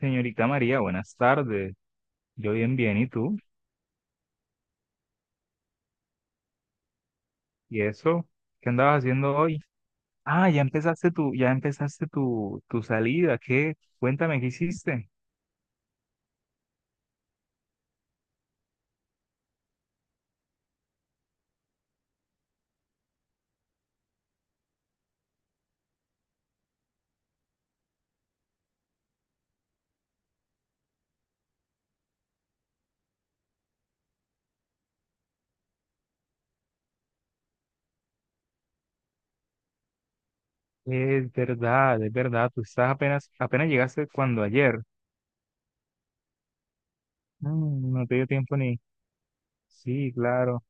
Señorita María, buenas tardes. Yo bien, bien, ¿y tú? ¿Y eso? ¿Qué andabas haciendo hoy? Ah, ya empezaste tu salida. ¿Qué? Cuéntame, ¿qué hiciste? Es verdad, es verdad. Tú estás apenas, apenas llegaste cuando ayer. Mm, no te dio tiempo ni. Sí, claro.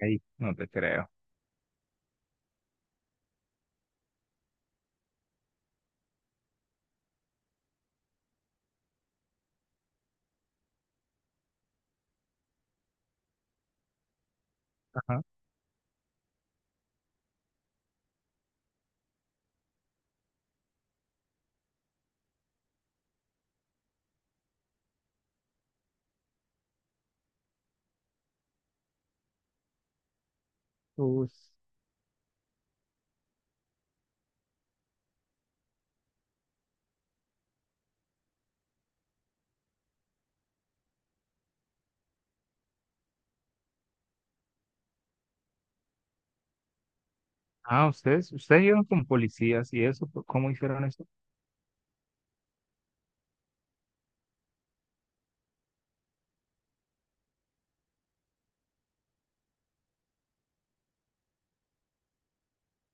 Ahí, no te creo. Ajá. Us- Ah, ustedes llegaron con policías y eso. ¿Cómo hicieron eso?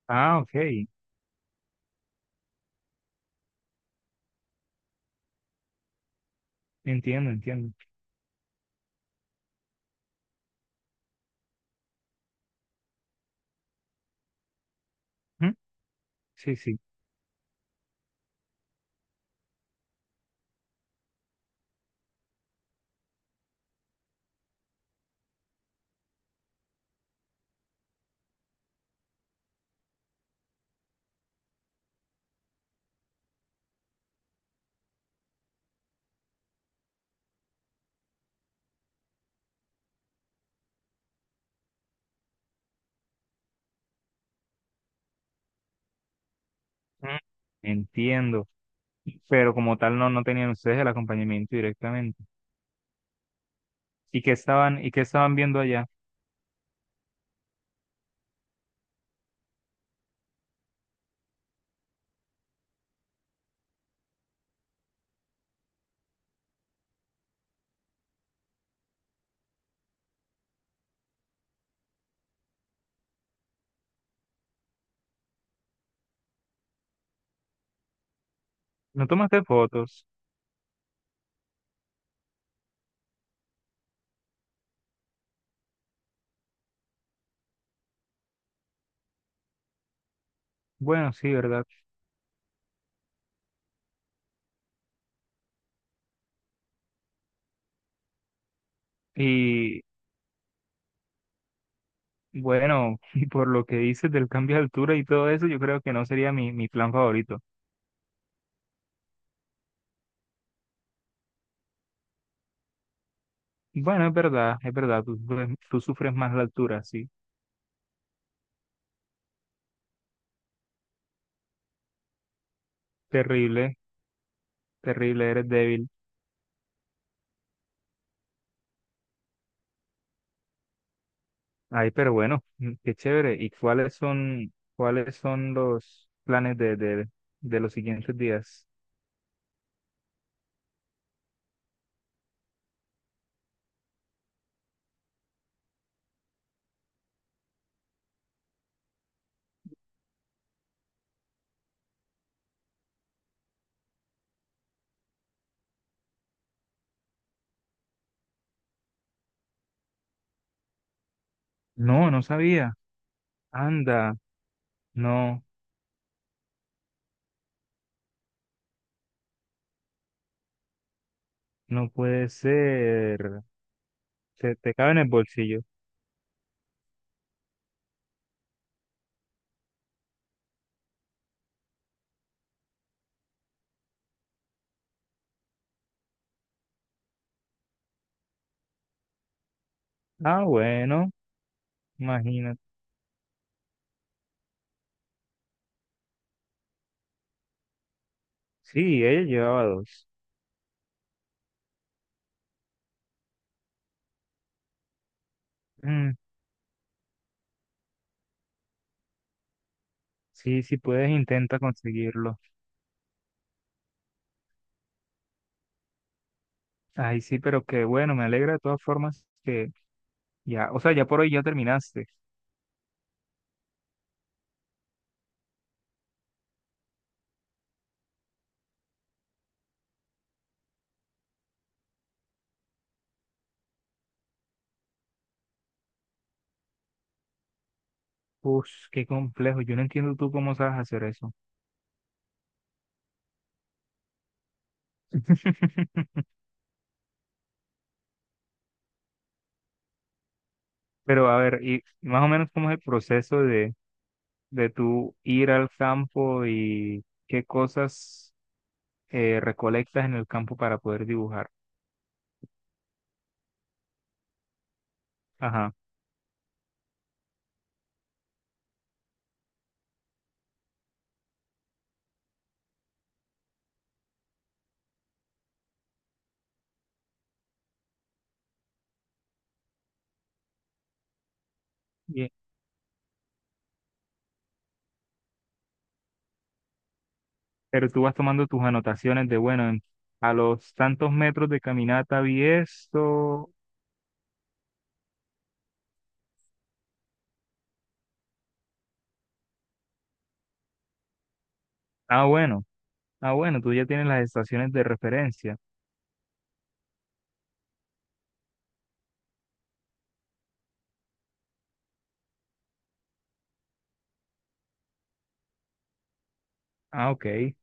Ah, ok. Entiendo, entiendo. Ujú, sí, sí. Mm. Entiendo. Pero como tal no, no tenían ustedes el acompañamiento directamente. ¿Y qué estaban viendo allá? ¿No tomaste fotos? Bueno, sí, ¿verdad? Y bueno, y por lo que dices del cambio de altura y todo eso, yo creo que no sería mi plan favorito. Bueno, es verdad, tú sufres más la altura, sí. Terrible, terrible, eres débil. Ay, pero bueno, qué chévere. ¿Y cuáles son los planes de los siguientes días? No, no sabía. Anda, no. No puede ser. Se te cabe en el bolsillo. Ah, bueno, imagínate. Sí, ella llevaba dos. Mm, sí, sí puedes, intenta conseguirlo. Ay, sí, pero qué bueno, me alegra de todas formas que ya, o sea, ya por hoy ya terminaste. Uf, qué complejo. Yo no entiendo tú cómo sabes hacer eso. Pero a ver, y más o menos cómo es el proceso de tú ir al campo y qué cosas recolectas en el campo para poder dibujar. Ajá. Pero tú vas tomando tus anotaciones de, bueno, en- a los tantos metros de caminata vi esto. Ah, bueno, ah, bueno, tú ya tienes las estaciones de referencia. Ah, ok.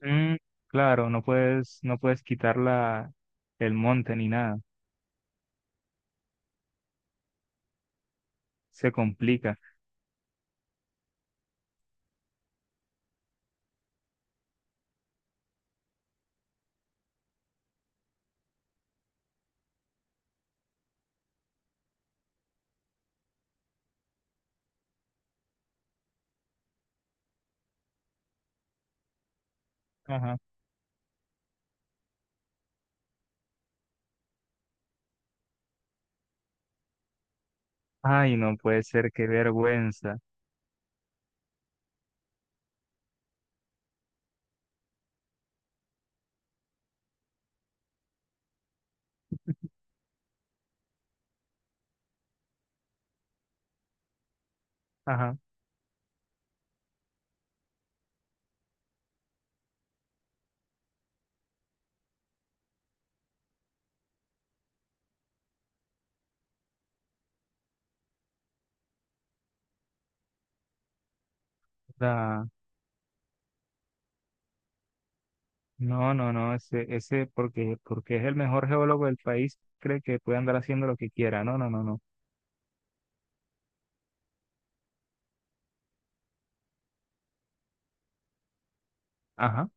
Mm, claro, no puedes quitar la, el monte ni nada. Se complica. Ajá. Ay, no puede ser, qué vergüenza. Ajá. Da- No, no, no, ese, porque es el mejor geólogo del país, cree que puede andar haciendo lo que quiera. No, no, no, no. Ajá.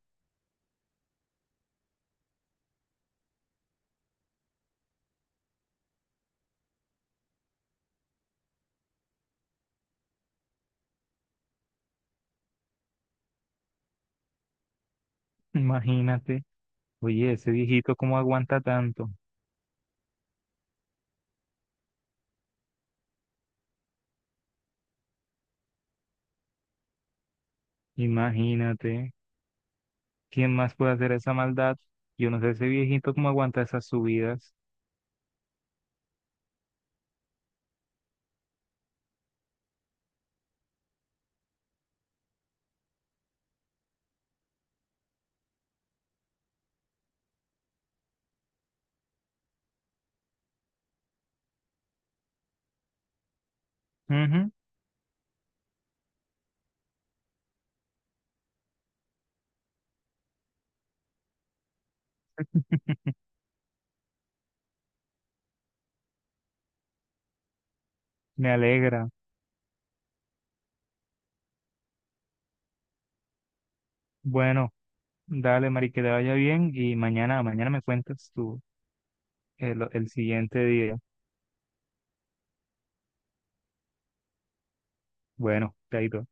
Imagínate. Oye, ese viejito, ¿cómo aguanta tanto? Imagínate, ¿quién más puede hacer esa maldad? Yo no sé ese viejito cómo aguanta esas subidas. Ujú, me alegra. Bueno, dale, Mari, que te vaya bien y mañana me cuentas tú el siguiente día. Bueno, chaito.